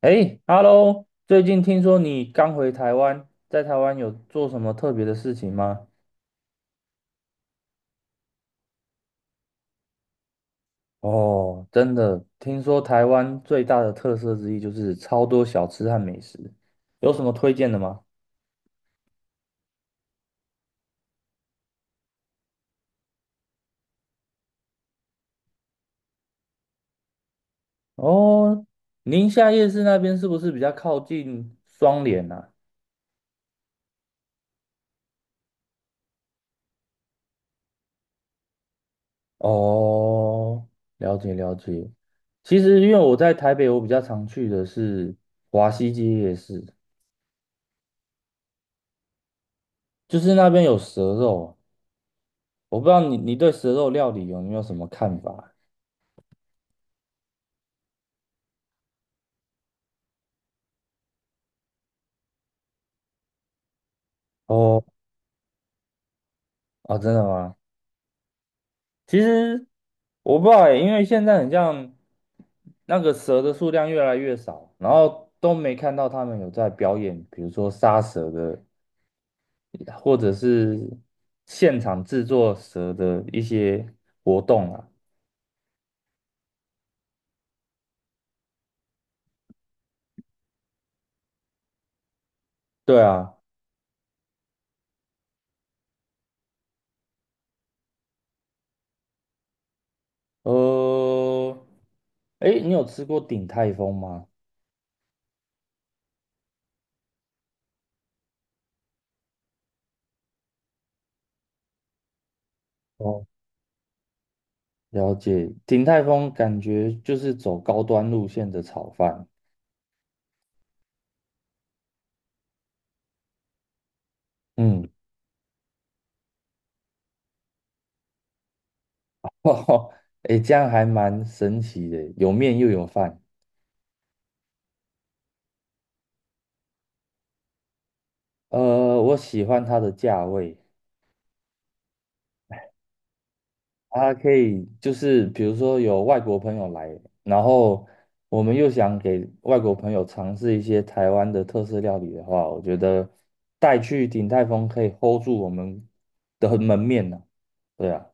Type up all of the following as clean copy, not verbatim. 哎，Hello，最近听说你刚回台湾，在台湾有做什么特别的事情吗？哦，真的，听说台湾最大的特色之一就是超多小吃和美食，有什么推荐的吗？哦，宁夏夜市那边是不是比较靠近双连啊？哦，了解了解。其实因为我在台北，我比较常去的是华西街夜市。就是那边有蛇肉啊。我不知道你对蛇肉料理有没有什么看法？哦哦，真的吗？其实我不知道欸，因为现在很像那个蛇的数量越来越少，然后都没看到他们有在表演，比如说杀蛇的，或者是现场制作蛇的一些活动啊。对啊，呃，诶，你有吃过鼎泰丰吗？哦，了解，鼎泰丰感觉就是走高端路线的炒饭。嗯，哦，哎，这样还蛮神奇的，有面又有饭。我喜欢它的价位，它可以就是比如说有外国朋友来，然后我们又想给外国朋友尝试一些台湾的特色料理的话，我觉得带去鼎泰丰可以 hold 住我们的门面呢、对啊。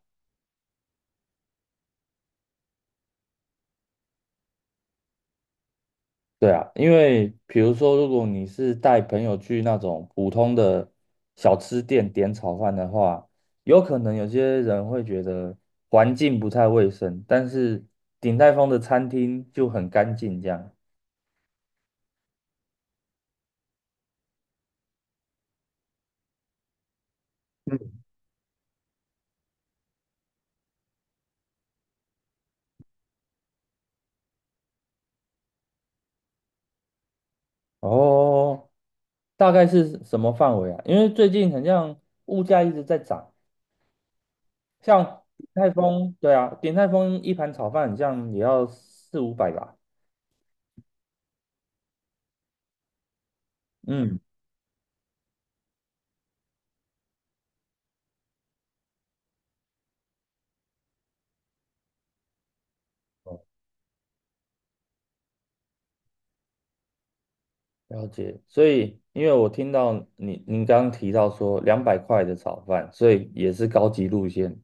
对啊，因为比如说，如果你是带朋友去那种普通的小吃店点炒饭的话，有可能有些人会觉得环境不太卫生，但是鼎泰丰的餐厅就很干净这样。哦，大概是什么范围啊？因为最近好像物价一直在涨，像鼎泰丰，对啊，鼎泰丰一盘炒饭好像也要四五百吧。嗯，了解，所以因为我听到您刚刚提到说200块的炒饭，所以也是高级路线。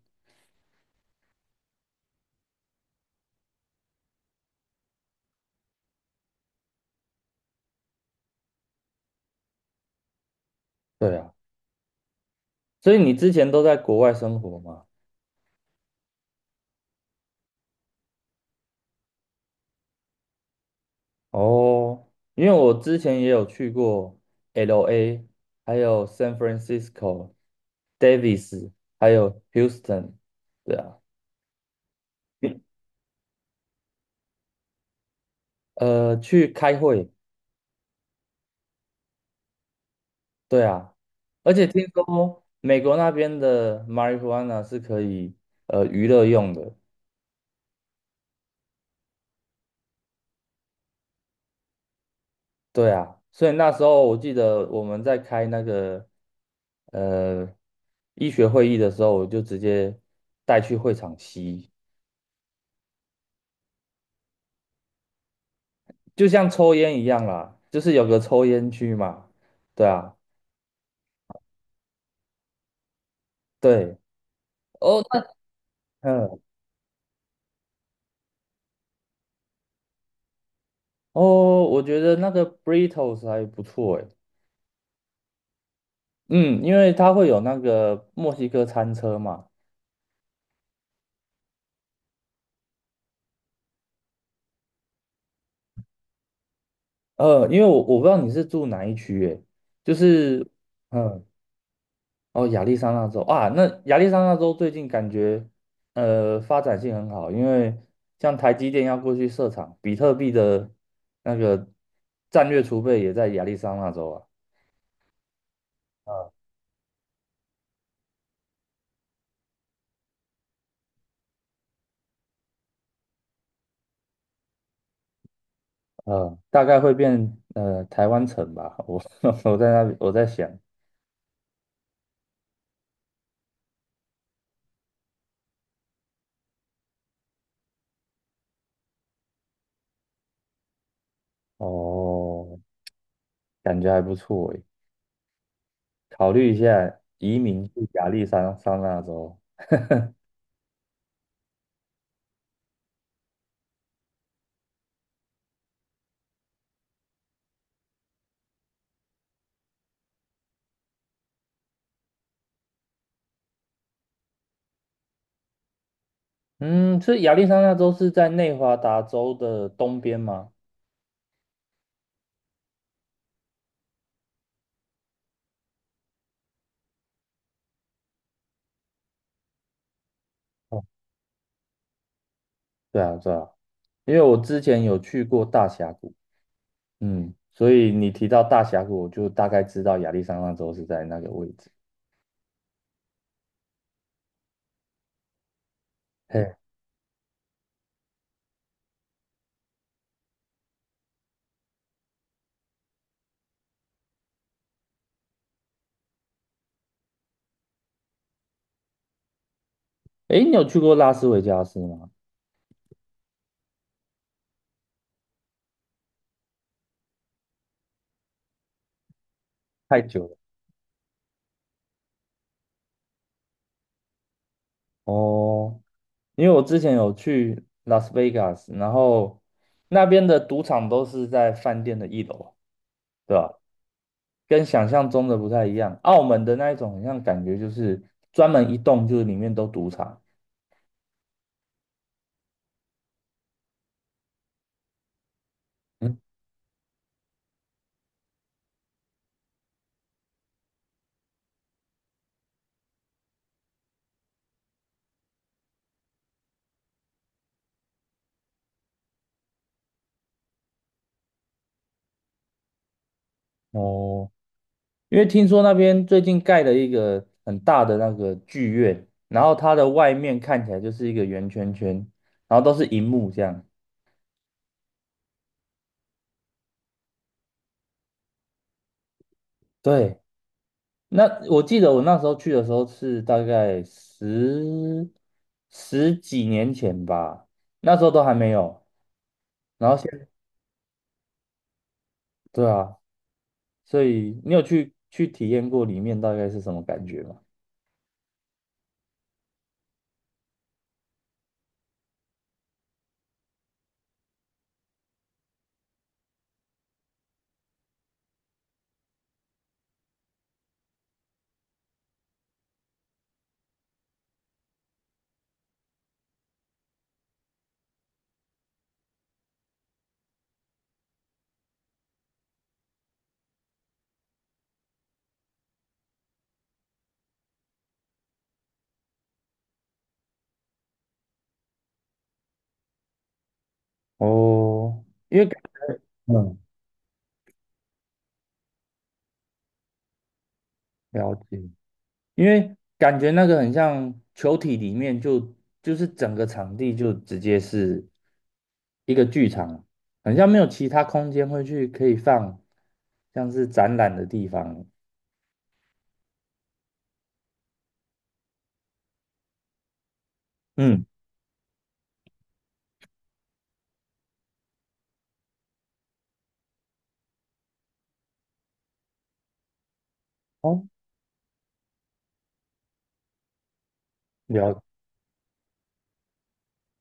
对啊，所以你之前都在国外生活吗？哦，因为我之前也有去过 LA，还有 San Francisco、Davis，还有 Houston。对啊，去开会。对啊，而且听说美国那边的 marijuana 是可以娱乐用的，对啊，所以那时候我记得我们在开那个呃医学会议的时候，我就直接带去会场吸，就像抽烟一样啦，就是有个抽烟区嘛。对啊，对，哦，嗯，哦，我觉得那个 Britos 还不错诶，嗯，因为它会有那个墨西哥餐车嘛。因为我不知道你是住哪一区诶，就是。嗯。哦，亚利桑那州啊，那亚利桑那州最近感觉发展性很好，因为像台积电要过去设厂，比特币的那个战略储备也在亚利桑那州啊，大概会变台湾城吧，我 我在那里我在想，哦，感觉还不错诶，考虑一下移民去亚利桑桑那州，嗯，所以亚利桑那州是在内华达州的东边吗？哦，对啊，对啊。因为我之前有去过大峡谷，嗯，所以你提到大峡谷，我就大概知道亚利桑那州是在那个位置。嘿，诶，你有去过拉斯维加斯吗？太久了。哦，因为我之前有去拉斯维加斯，然后那边的赌场都是在饭店的一楼，对吧？跟想象中的不太一样。澳门的那一种，好像感觉就是专门一栋，就是里面都赌场。嗯，哦，因为听说那边最近盖了一个很大的那个剧院，然后它的外面看起来就是一个圆圈圈，然后都是荧幕这样。对，那我记得我那时候去的时候是大概十几年前吧，那时候都还没有。然后现对啊，所以你有去去体验过里面大概是什么感觉吗？哦，因为感嗯，了解。因为感觉那个很像球体里面就就是整个场地就直接是一个剧场，很像没有其他空间会去可以放像是展览的地方。嗯，哦，了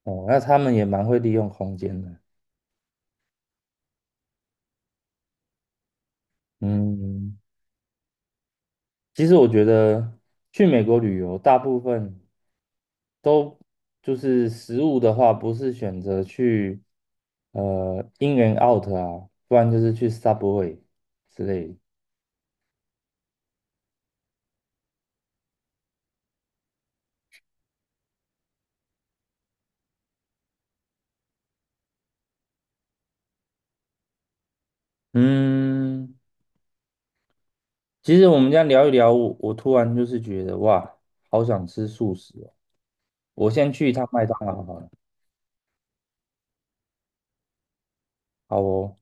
哦，那他们也蛮会利用空间的。嗯，其实我觉得去美国旅游，大部分都就是食物的话，不是选择去In and Out 啊，不然就是去 Subway 之类的。嗯，其实我们这样聊一聊，我突然就是觉得哇，好想吃素食哦！我先去一趟麦当劳好了。好哦。